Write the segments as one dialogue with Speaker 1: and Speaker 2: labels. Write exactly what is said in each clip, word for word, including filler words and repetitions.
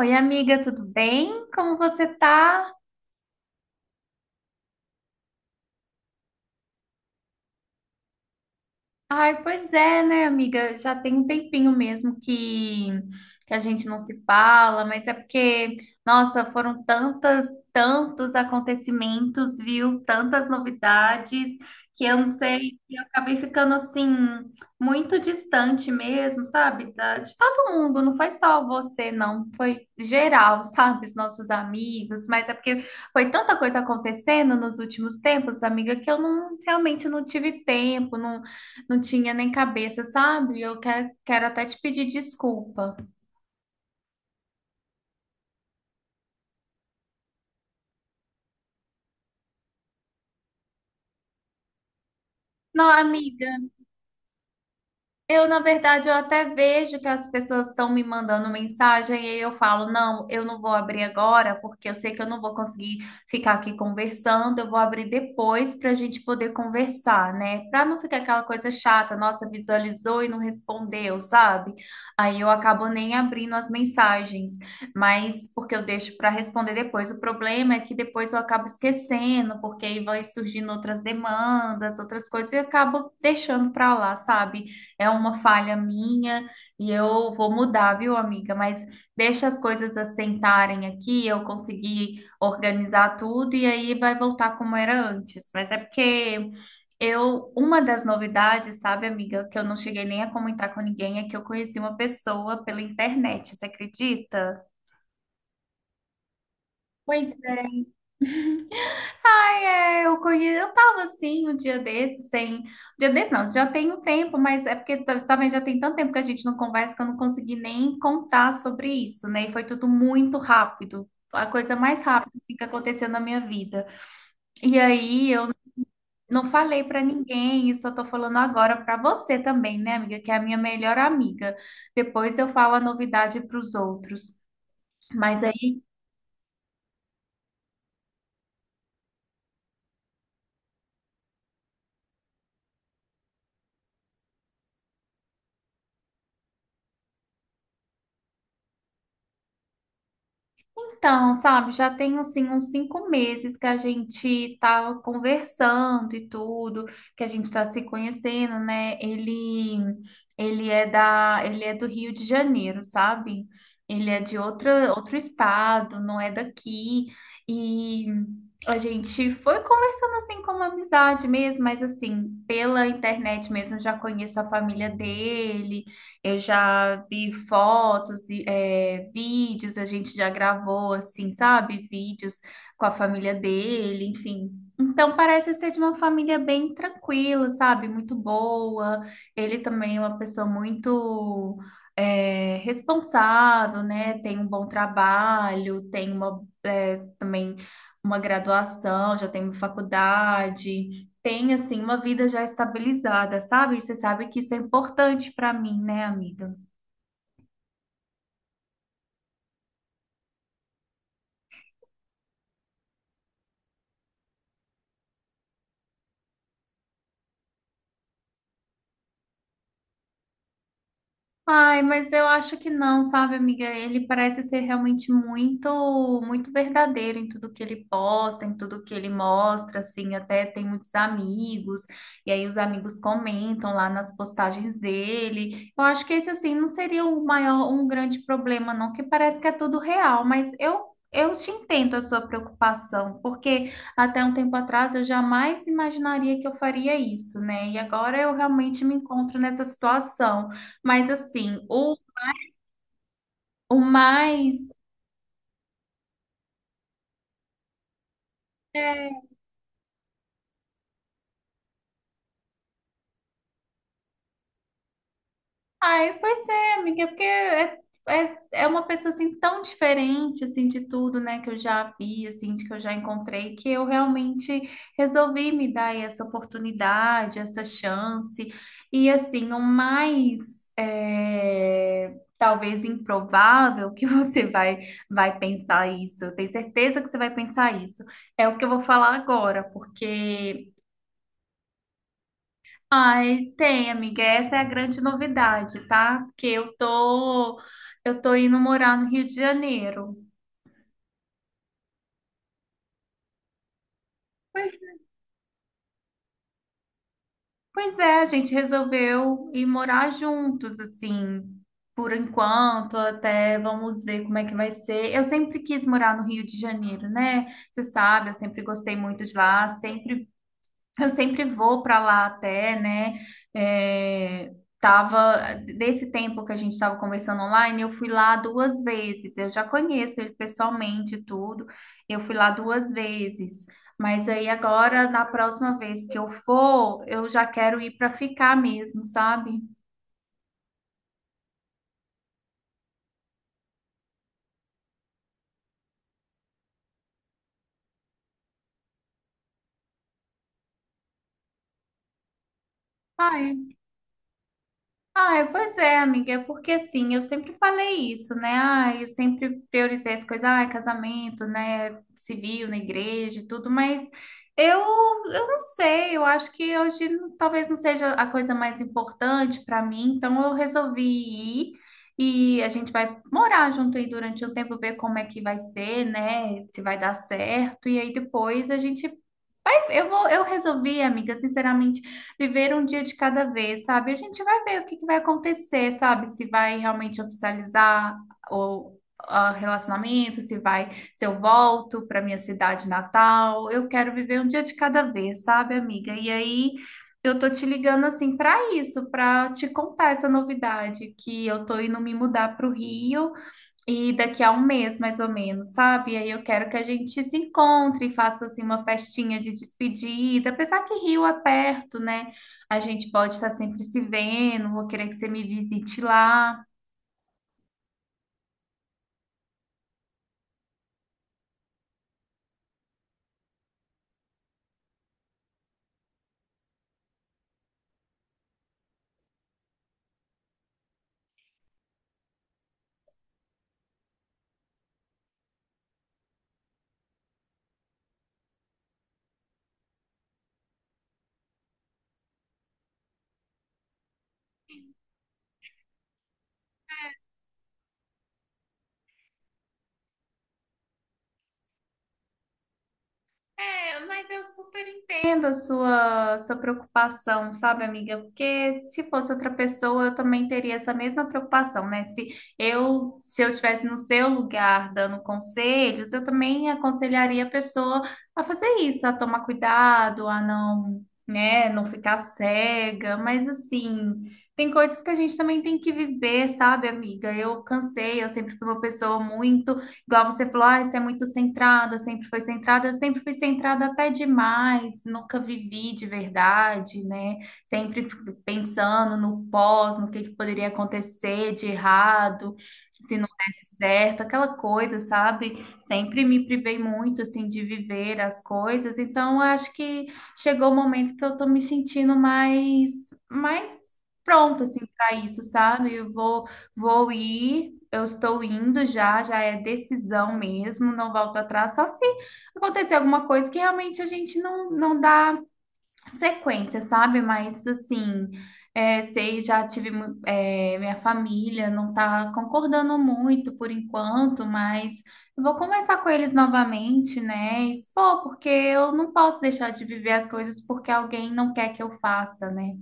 Speaker 1: Oi, amiga, tudo bem? Como você tá? Ai, pois é, né, amiga? Já tem um tempinho mesmo que, que a gente não se fala, mas é porque, nossa, foram tantas, tantos acontecimentos, viu? Tantas novidades, que eu não sei, que eu acabei ficando assim, muito distante mesmo, sabe? Da- de todo mundo, não foi só você, não, foi geral, sabe? Os nossos amigos, mas é porque foi tanta coisa acontecendo nos últimos tempos, amiga, que eu não realmente não tive tempo, não. Não tinha nem cabeça, sabe? Eu que- quero até te pedir desculpa. Não, amiga. Eu, na verdade, eu até vejo que as pessoas estão me mandando mensagem e aí eu falo, não, eu não vou abrir agora, porque eu sei que eu não vou conseguir ficar aqui conversando, eu vou abrir depois para a gente poder conversar, né? Para não ficar aquela coisa chata, nossa, visualizou e não respondeu, sabe? Aí eu acabo nem abrindo as mensagens, mas porque eu deixo para responder depois. O problema é que depois eu acabo esquecendo, porque aí vai surgindo outras demandas, outras coisas, e eu acabo deixando para lá, sabe? É uma falha minha e eu vou mudar, viu, amiga? Mas deixa as coisas assentarem aqui, eu consegui organizar tudo e aí vai voltar como era antes. Mas é porque eu, uma das novidades, sabe, amiga, que eu não cheguei nem a comentar com ninguém, é que eu conheci uma pessoa pela internet, você acredita? Pois. Ai, é, eu conhe... eu tava assim um dia desse, sem. Um dia desse não, já tem um tempo, mas é porque ta- também já tem tanto tempo que a gente não conversa que eu não consegui nem contar sobre isso, né? E foi tudo muito rápido, a coisa mais rápida assim, que aconteceu na minha vida. E aí eu não falei pra ninguém, isso eu tô falando agora pra você também, né, amiga, que é a minha melhor amiga. Depois eu falo a novidade pros outros. Mas então, sabe, já tem assim uns cinco meses que a gente tá conversando e tudo, que a gente tá se conhecendo, né? Ele, ele é da, ele é do Rio de Janeiro, sabe? Ele é de outra, outro estado, não é daqui. E a gente foi conversando assim como amizade mesmo, mas assim, pela internet mesmo já conheço a família dele, eu já vi fotos, e, é, vídeos, a gente já gravou, assim, sabe? Vídeos com a família dele, enfim. Então, parece ser de uma família bem tranquila, sabe? Muito boa. Ele também é uma pessoa muito, é, responsável, né? Tem um bom trabalho, tem uma, é, também uma graduação, já tem uma faculdade, tem assim uma vida já estabilizada, sabe? Você sabe que isso é importante para mim, né, amiga? Ai, mas eu acho que não, sabe, amiga? Ele parece ser realmente muito, muito verdadeiro em tudo que ele posta, em tudo que ele mostra, assim, até tem muitos amigos, e aí os amigos comentam lá nas postagens dele. Eu acho que esse, assim, não seria o maior, um grande problema, não, que parece que é tudo real, mas eu Eu te entendo a sua preocupação, porque até um tempo atrás eu jamais imaginaria que eu faria isso, né? E agora eu realmente me encontro nessa situação. Mas assim, o, o mais. É, ai, pois é, amiga, é porque é, é, é uma pessoa assim tão diferente assim de tudo, né, que eu já vi, assim, de que eu já encontrei, que eu realmente resolvi me dar essa oportunidade, essa chance. E assim, o mais é, talvez improvável que você vai, vai pensar isso, eu tenho certeza que você vai pensar isso, é o que eu vou falar agora, porque. Ai, tem, amiga. Essa é a grande novidade, tá? Porque eu tô, eu tô indo morar no Rio de Janeiro. Pois, pois é, a gente resolveu ir morar juntos, assim, por enquanto, até vamos ver como é que vai ser. Eu sempre quis morar no Rio de Janeiro, né? Você sabe, eu sempre gostei muito de lá, sempre. Eu sempre vou para lá até, né? É, tava desse tempo que a gente estava conversando online, eu fui lá duas vezes. Eu já conheço ele pessoalmente e tudo. Eu fui lá duas vezes. Mas aí agora, na próxima vez que eu for, eu já quero ir para ficar mesmo, sabe? Ah, é. Ah, é, pois é, amiga, é porque assim, eu sempre falei isso, né? Ah, eu sempre priorizei as coisas, ah, casamento, né? Civil, na igreja, e tudo, mas eu, eu não sei, eu acho que hoje não- talvez não seja a coisa mais importante para mim, então eu resolvi ir e a gente vai morar junto aí durante um tempo, ver como é que vai ser, né? Se vai dar certo, e aí depois a gente. Aí eu vou, eu resolvi, amiga, sinceramente, viver um dia de cada vez, sabe? A gente vai ver o que que vai acontecer, sabe? Se vai realmente oficializar o, ah, relacionamento, se vai, se eu volto para minha cidade natal. Eu quero viver um dia de cada vez, sabe, amiga? E aí eu tô te ligando assim para isso, para te contar essa novidade que eu tô indo me mudar para o Rio. E daqui a um mês, mais ou menos, sabe? Aí eu quero que a gente se encontre e faça assim uma festinha de despedida. Apesar que Rio é perto, né? A gente pode estar sempre se vendo. Vou querer que você me visite lá. É, mas eu super entendo a sua, sua preocupação, sabe, amiga? Porque se fosse outra pessoa, eu também teria essa mesma preocupação, né? Se eu, se eu estivesse no seu lugar dando conselhos, eu também aconselharia a pessoa a fazer isso, a tomar cuidado, a não, né, não ficar cega. Mas assim, tem coisas que a gente também tem que viver, sabe, amiga? Eu cansei, eu sempre fui uma pessoa muito. Igual você falou, ah, você é muito centrada, sempre foi centrada, eu sempre fui centrada até demais, nunca vivi de verdade, né? Sempre pensando no pós, no que que poderia acontecer de errado, se não desse certo, aquela coisa, sabe? Sempre me privei muito, assim, de viver as coisas, então eu acho que chegou o momento que eu tô me sentindo mais, mais pronta, assim, para isso, sabe? Eu vou. Vou ir, eu estou indo já, já é decisão mesmo, não volto atrás, só se acontecer alguma coisa que realmente a gente não, não dá sequência, sabe? Mas assim, é, sei, já tive mu- é, minha família não está concordando muito por enquanto, mas eu vou conversar com eles novamente, né? E expor, porque eu não posso deixar de viver as coisas porque alguém não quer que eu faça, né?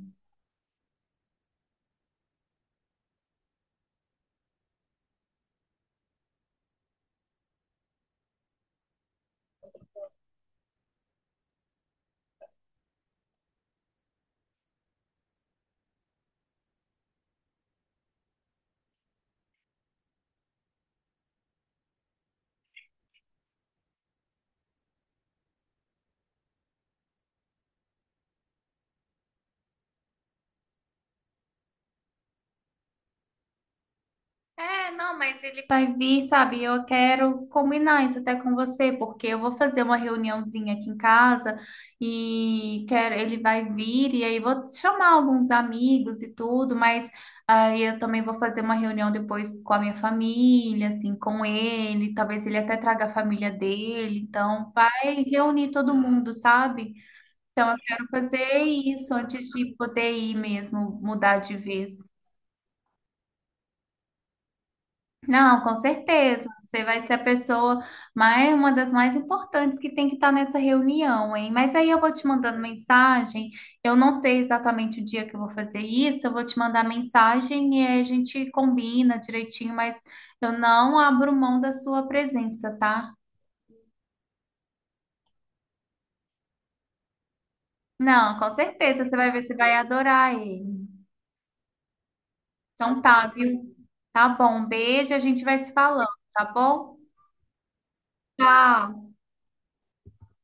Speaker 1: É, não, mas ele vai vir, sabe? Eu quero combinar isso até com você, porque eu vou fazer uma reuniãozinha aqui em casa e quero, ele vai vir e aí vou chamar alguns amigos e tudo, mas aí eu também vou fazer uma reunião depois com a minha família, assim, com ele, talvez ele até traga a família dele, então vai reunir todo mundo, sabe? Então eu quero fazer isso antes de poder ir mesmo, mudar de vez. Não, com certeza. Você vai ser a pessoa mais, uma das mais importantes que tem que estar nessa reunião, hein? Mas aí eu vou te mandando mensagem. Eu não sei exatamente o dia que eu vou fazer isso. Eu vou te mandar mensagem e aí a gente combina direitinho, mas eu não abro mão da sua presença, tá? Não, com certeza. Você vai ver, você vai adorar ele. Então tá, viu? Tá bom. Beijo, a gente vai se falando, tá bom? Tchau.